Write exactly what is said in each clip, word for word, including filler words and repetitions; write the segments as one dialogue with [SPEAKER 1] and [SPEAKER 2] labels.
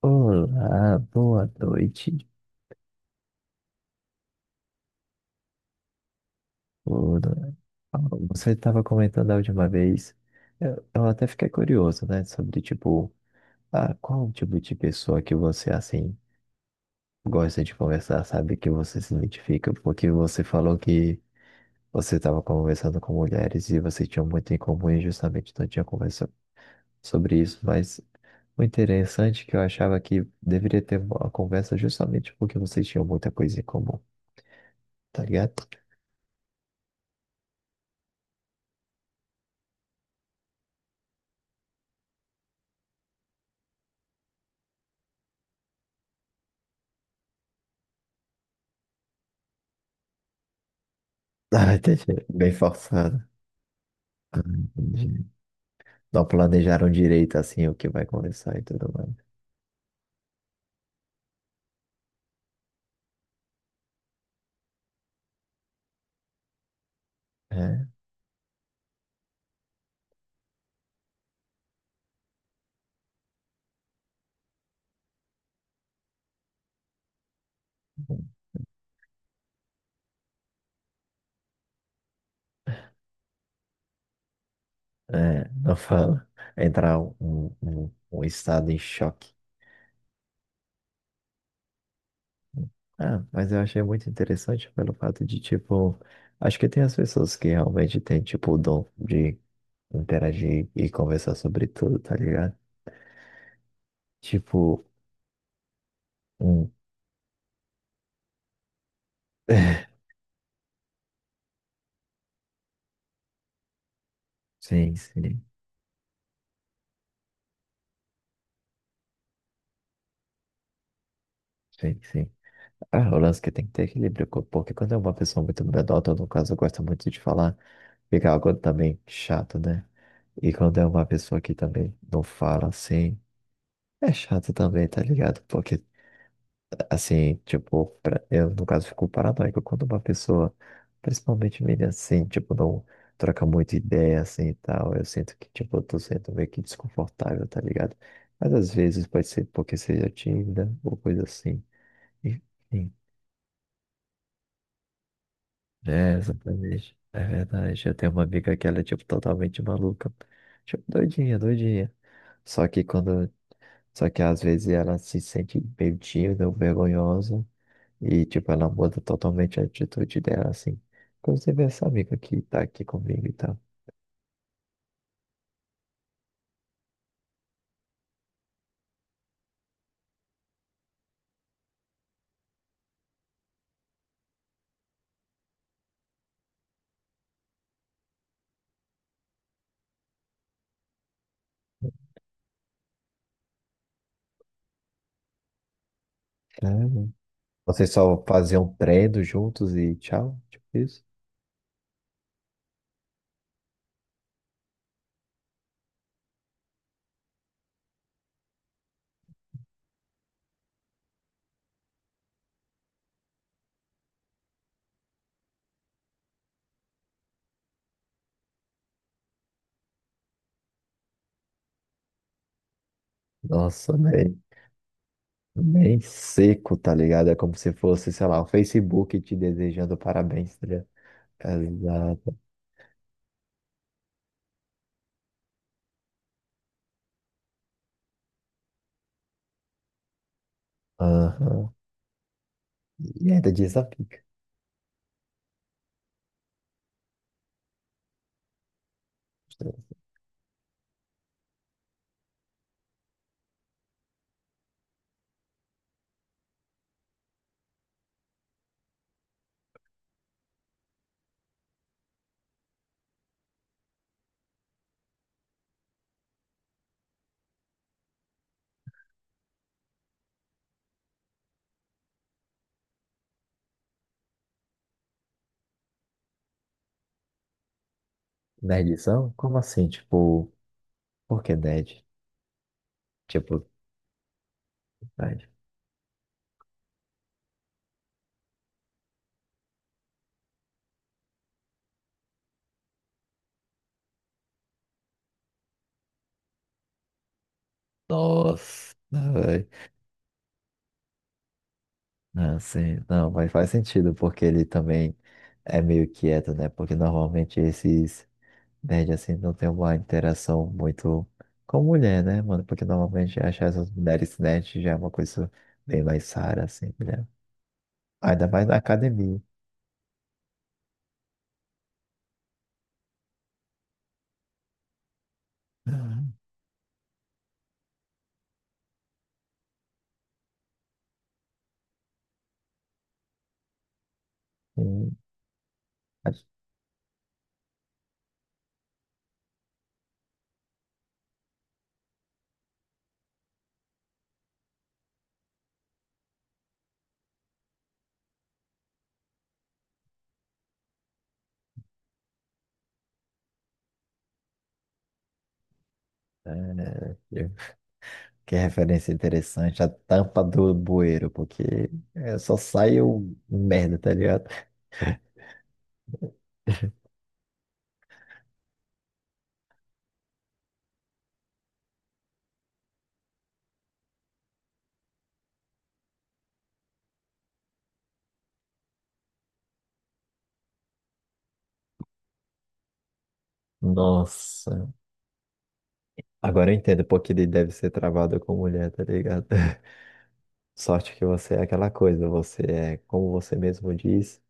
[SPEAKER 1] Olá, boa noite. Olá. Paulo, Você estava comentando a última vez, eu, eu até fiquei curioso, né, sobre tipo, ah, qual o tipo de pessoa que você assim gosta de conversar, sabe, que você se identifica, porque você falou que você estava conversando com mulheres e vocês tinham muito em comum e justamente não tinha conversa sobre isso, mas o interessante é que eu achava que deveria ter uma conversa justamente porque vocês tinham muita coisa em comum, tá ligado? Ah, entendi. Bem forçado. Ah, entendi. Não planejaram direito assim o que vai conversar e tudo mais. É, é, não fala. Entrar um, um, um estado em choque. Ah, mas eu achei muito interessante pelo fato de, tipo, acho que tem as pessoas que realmente têm, tipo, o dom de interagir e conversar sobre tudo, tá ligado? Tipo, um. Sim, sim, sim, sim. Ah, o lance que tem que ter equilíbrio, co- porque quando é uma pessoa muito medrota, no caso, gosta muito de falar, fica algo também chato, né? E quando é uma pessoa que também não fala assim, é chato também, tá ligado? Porque, assim, tipo, pra- eu no caso fico paranoico quando uma pessoa, principalmente menina assim, tipo, não troca muita ideia assim e tal. Eu sinto que, tipo, eu tô sendo meio que desconfortável, tá ligado? Mas às vezes pode ser porque seja tímida ou coisa assim. Enfim, é, exatamente. É verdade. Eu tenho uma amiga que ela é, tipo, totalmente maluca. Tipo, doidinha, doidinha. Só que quando Só que às vezes ela se sente meio tímida ou vergonhosa e, tipo, ela muda totalmente a atitude dela, assim. Inclusive essa amiga que tá aqui comigo e tal. Caramba. Vocês só faziam treino juntos e tchau, tipo isso? Nossa, bem, bem seco, tá ligado? É como se fosse, sei lá, o Facebook te desejando parabéns, tá ligado? Exato. Aham. E ainda desafio na edição. Como assim? Tipo, por que nerd? Tipo, nerd. Nossa, velho. Não, sim, não, mas faz sentido, porque ele também é meio quieto, né? Porque normalmente esses nerds assim não tem uma interação muito com mulher, né, mano? Porque normalmente achar essas mulheres nerds já é uma coisa bem mais rara, assim, né? Ainda mais na academia. Uhum. Sim, acho- é, eu- que referência interessante, a tampa do bueiro, porque é, só sai o merda, tá ligado? Nossa. Agora eu entendo porque ele deve ser travado com mulher, tá ligado? Sorte que você é aquela coisa, você é, como você mesmo diz,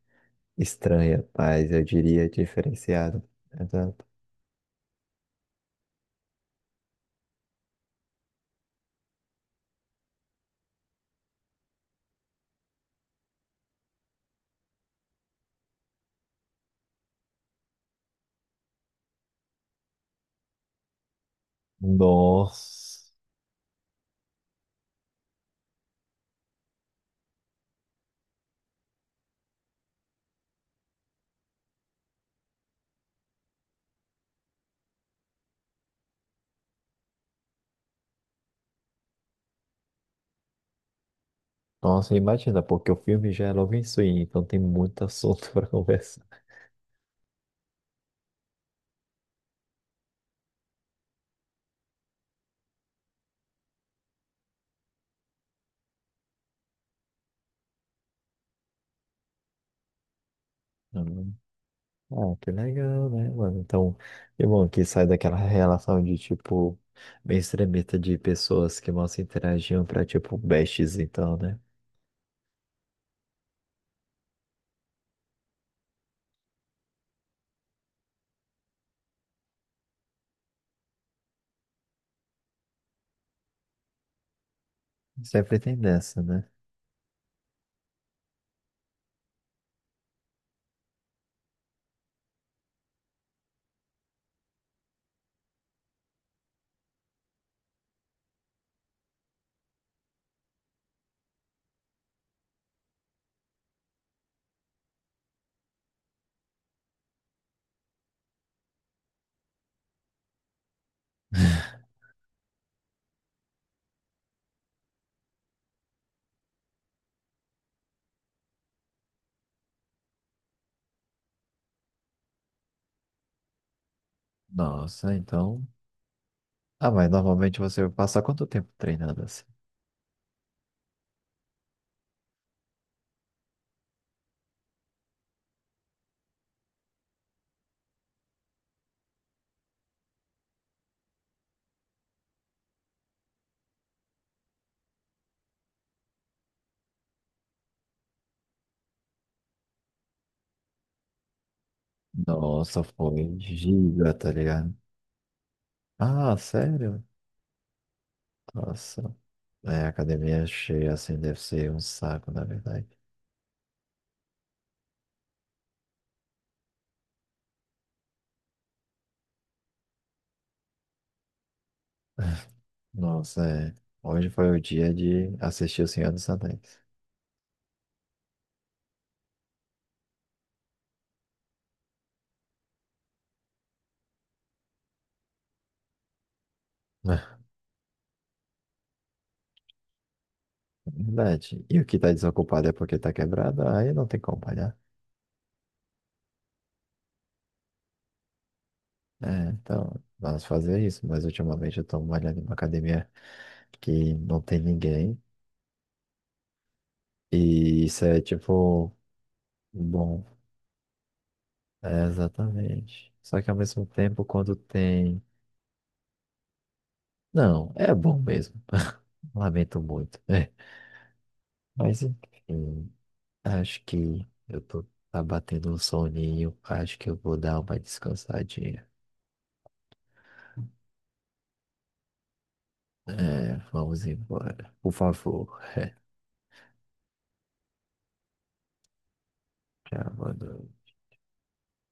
[SPEAKER 1] estranha, mas eu diria diferenciada. Exato. Nossa, nossa, imagina, porque o filme já é logo em swing, então tem muito assunto para conversar. Uhum. Ah, que legal, né, mano? Então, que bom que sai daquela relação de, tipo, bem extremista de pessoas que mal se interagiam pra, tipo, bestes, então, né? Sempre tem dessa, né? Nossa, então. Ah, mas normalmente você vai passar quanto tempo treinando assim? Nossa, foi giga, tá ligado? Ah, sério? Nossa. É, a academia é cheia assim deve ser um saco, na verdade. Nossa, é. Hoje foi o dia de assistir O Senhor dos Anéis. Verdade. E o que tá desocupado é porque tá quebrado, aí não tem como malhar. É, então, vamos fazer isso. Mas ultimamente eu tô malhando em uma academia que não tem ninguém. E isso é tipo. Bom, é, exatamente. Só que ao mesmo tempo, quando tem. Não, é bom mesmo. Lamento muito. É. Mas enfim, acho que eu tô tá batendo um soninho. Acho que eu vou dar uma descansadinha. É, vamos embora. Por favor. Já boa noite.